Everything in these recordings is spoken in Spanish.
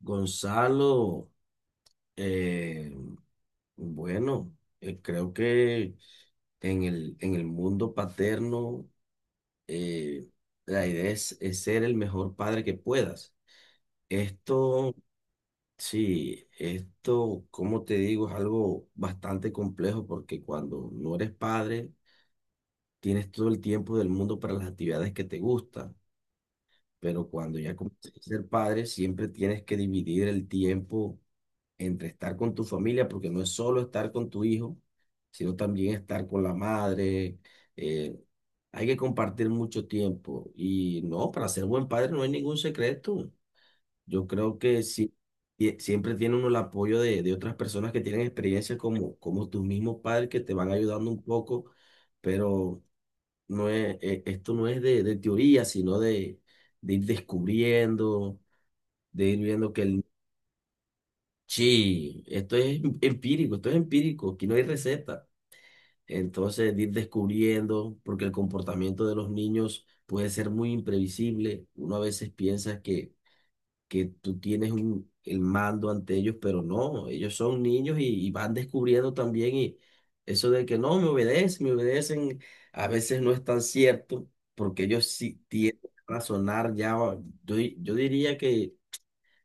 Gonzalo, eh, bueno, creo que en en el mundo paterno, eh, la idea es ser el mejor padre que puedas. Esto, sí, esto, como te digo, es algo bastante complejo porque cuando no eres padre, tienes todo el tiempo del mundo para las actividades que te gustan, pero cuando ya comienzas a ser padre, siempre tienes que dividir el tiempo entre estar con tu familia, porque no es solo estar con tu hijo, sino también estar con la madre. eh, Hay que compartir mucho tiempo. Y no, para ser buen padre no hay ningún secreto. Yo creo que sí, y siempre tiene uno el apoyo de otras personas que tienen experiencia como, como tus mismos padres que te van ayudando un poco, pero no esto no es de teoría, sino de ir descubriendo, de ir viendo que el. Sí, esto es empírico, esto es empírico, aquí no hay receta. Entonces, de ir descubriendo, porque el comportamiento de los niños puede ser muy imprevisible. Uno a veces piensa que tú tienes el mando ante ellos, pero no, ellos son niños y van descubriendo también y eso de que no, me obedecen, a veces no es tan cierto, porque ellos sí tienen que razonar ya, yo, yo diría que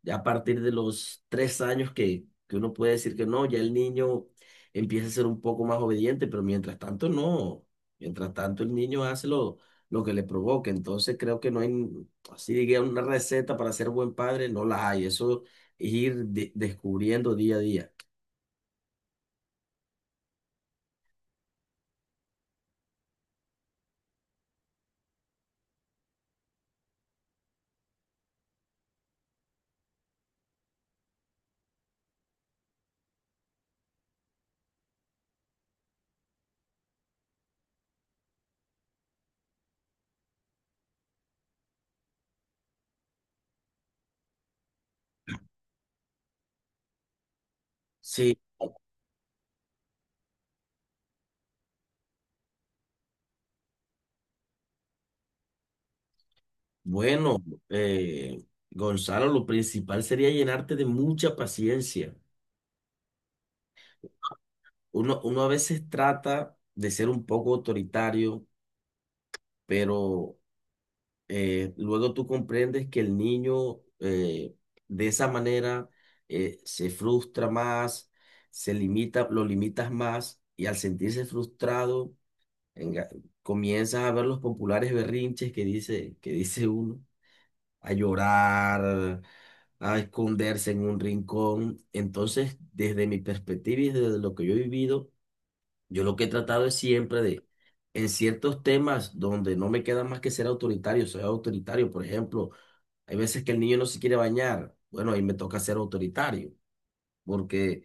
ya a partir de los tres años que uno puede decir que no, ya el niño empieza a ser un poco más obediente, pero mientras tanto no, mientras tanto el niño hace lo que le provoca, entonces creo que no hay, así diga, una receta para ser buen padre, no la hay, eso es ir descubriendo día a día. Sí, bueno, eh, Gonzalo, lo principal sería llenarte de mucha paciencia. Uno, uno a veces trata de ser un poco autoritario, pero luego tú comprendes que el niño, de esa manera, se frustra más, se limita, lo limitas más y al sentirse frustrado enga- comienzas a ver los populares berrinches que dice uno, a llorar, a esconderse en un rincón. Entonces, desde mi perspectiva y desde lo que yo he vivido, yo lo que he tratado es siempre de... En ciertos temas donde no me queda más que ser autoritario, soy autoritario. Por ejemplo, hay veces que el niño no se quiere bañar. Bueno, ahí me toca ser autoritario, porque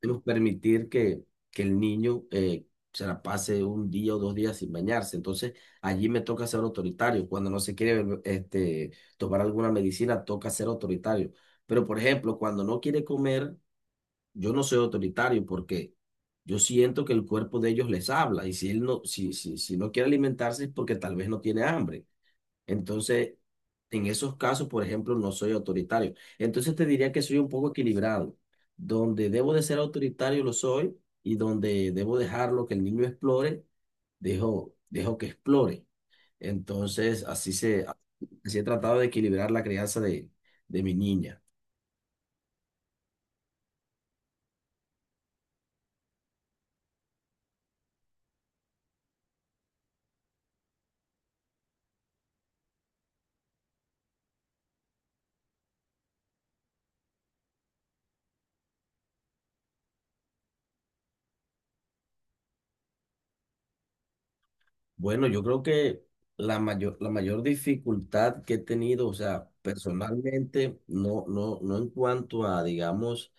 debemos permitir que el niño, se la pase un día o dos días sin bañarse. Entonces, allí me toca ser autoritario. Cuando no se quiere este, tomar alguna medicina, toca ser autoritario. Pero, por ejemplo, cuando no quiere comer, yo no soy autoritario porque yo siento que el cuerpo de ellos les habla. Y si él no, si, si no quiere alimentarse es porque tal vez no tiene hambre. Entonces, en esos casos, por ejemplo, no soy autoritario. Entonces te diría que soy un poco equilibrado. Donde debo de ser autoritario lo soy y donde debo dejarlo que el niño explore, dejo, dejo que explore. Entonces, así se, así he tratado de equilibrar la crianza de mi niña. Bueno, yo creo que la mayor dificultad que he tenido, o sea, personalmente, no, no en cuanto a, digamos,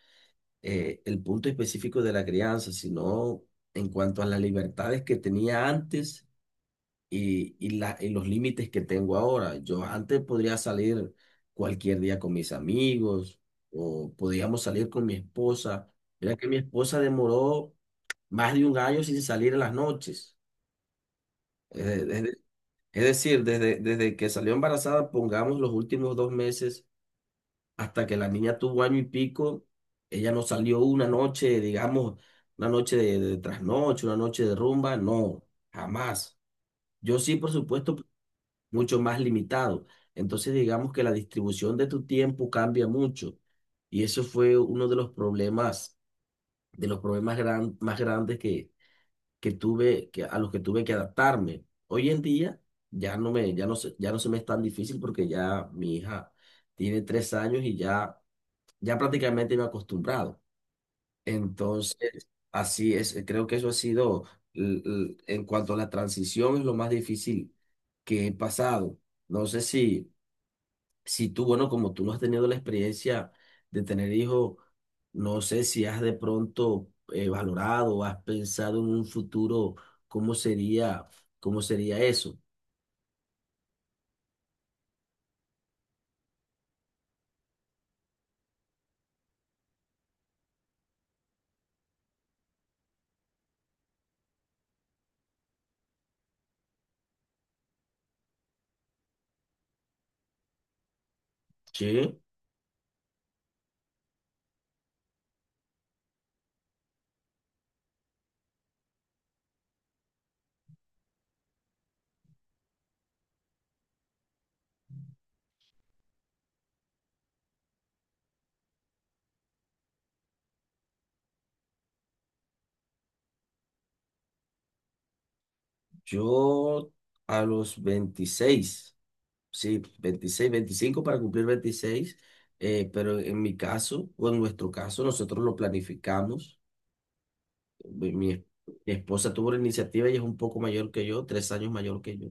el punto específico de la crianza, sino en cuanto a las libertades que tenía antes y, y los límites que tengo ahora. Yo antes podría salir cualquier día con mis amigos o podíamos salir con mi esposa. Mira que mi esposa demoró más de un año sin salir en las noches. Es, es decir, desde, desde que salió embarazada, pongamos los últimos dos meses hasta que la niña tuvo año y pico, ella no salió una noche, digamos, una noche de trasnoche, una noche de rumba, no, jamás. Yo sí, por supuesto, mucho más limitado. Entonces, digamos que la distribución de tu tiempo cambia mucho. Y eso fue uno de los problemas más grandes que tuve, que, a los que tuve que adaptarme. Hoy en día ya no me, ya no se me es tan difícil porque ya mi hija tiene tres años y ya prácticamente me he acostumbrado. Entonces, así es, creo que eso ha sido, en cuanto a la transición, es lo más difícil que he pasado. No sé si, si tú, bueno, como tú no has tenido la experiencia de tener hijos, no sé si has de pronto valorado, has pensado en un futuro, cómo sería, cómo sería eso. Sí, yo a los 26. Sí, 26, 25 para cumplir 26 pero en mi caso, o en nuestro caso, nosotros lo planificamos. Mi mi esposa tuvo la iniciativa, ella es un poco mayor que yo, tres años mayor que yo.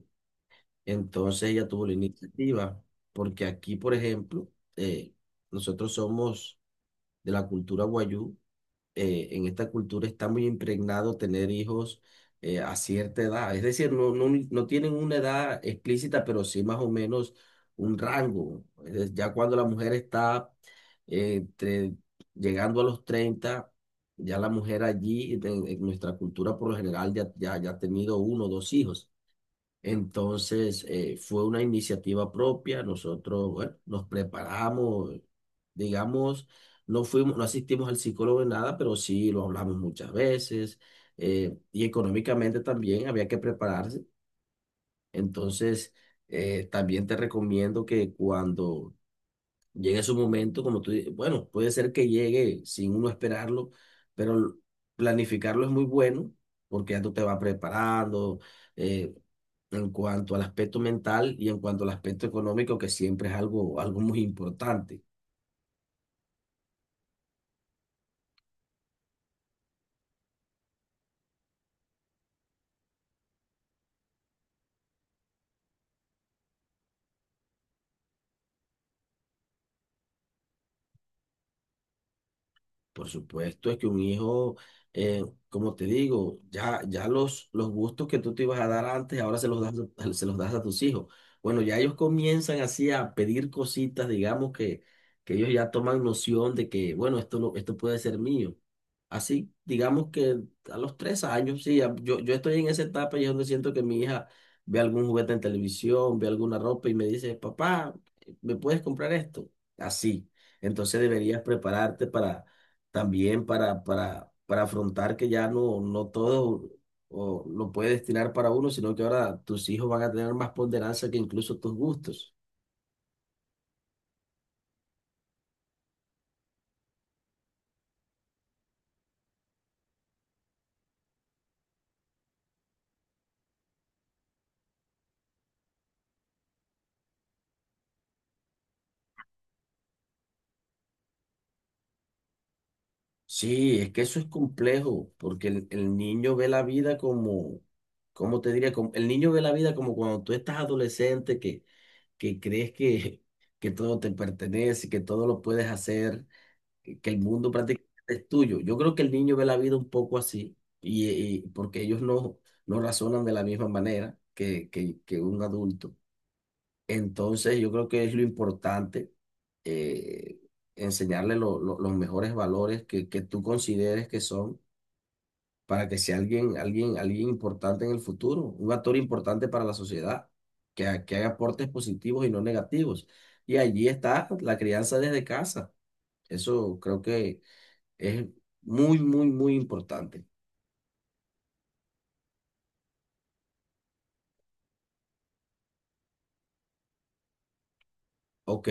Entonces ella tuvo la iniciativa, porque aquí, por ejemplo, eh, nosotros somos de la cultura guayú, en esta cultura está muy impregnado tener hijos a cierta edad. Es decir, no, no tienen una edad explícita, pero sí más o menos un rango. Es decir, ya cuando la mujer está, eh, entre- llegando a los 30, ya la mujer allí, en nuestra cultura por lo general, ya, ya ha tenido uno o dos hijos. Entonces, fue una iniciativa propia. Nosotros, bueno, nos preparamos, digamos, no fuimos, no asistimos al psicólogo en nada, pero sí lo hablamos muchas veces. Y económicamente también había que prepararse. Entonces, también te recomiendo que cuando llegue su momento, como tú, bueno, puede ser que llegue sin uno esperarlo, pero planificarlo es muy bueno porque ya tú te vas preparando, eh, en cuanto al aspecto mental y en cuanto al aspecto económico, que siempre es algo, algo muy importante. Por supuesto, es que un hijo, eh, como te digo, ya, ya los gustos que tú te ibas a dar antes, ahora se los das, se los das a tus hijos. Bueno, ya ellos comienzan así a pedir cositas, digamos que ellos ya toman noción de que, bueno, esto, esto puede ser mío. Así, digamos que a los tres años, sí, yo, yo estoy en esa etapa y es donde siento que mi hija ve algún juguete en televisión, ve alguna ropa y me dice, papá, ¿me puedes comprar esto? Así. Entonces deberías prepararte también para afrontar que ya no, no todo o, lo puede destinar para uno, sino que ahora tus hijos van a tener más ponderancia que incluso tus gustos. Sí, es que eso es complejo, porque el niño ve la vida como, ¿cómo te diría? Como, el niño ve la vida como cuando tú estás adolescente, que crees que todo te pertenece, que todo lo puedes hacer, que el mundo prácticamente es tuyo. Yo creo que el niño ve la vida un poco así, y, porque ellos no, no razonan de la misma manera que, que un adulto. Entonces, yo creo que es lo importante, eh, enseñarle los mejores valores que tú consideres que son para que sea alguien, alguien, alguien importante en el futuro, un actor importante para la sociedad, que, que haga aportes positivos y no negativos. Y allí está la crianza desde casa. Eso creo que es muy, muy, muy importante. Ok.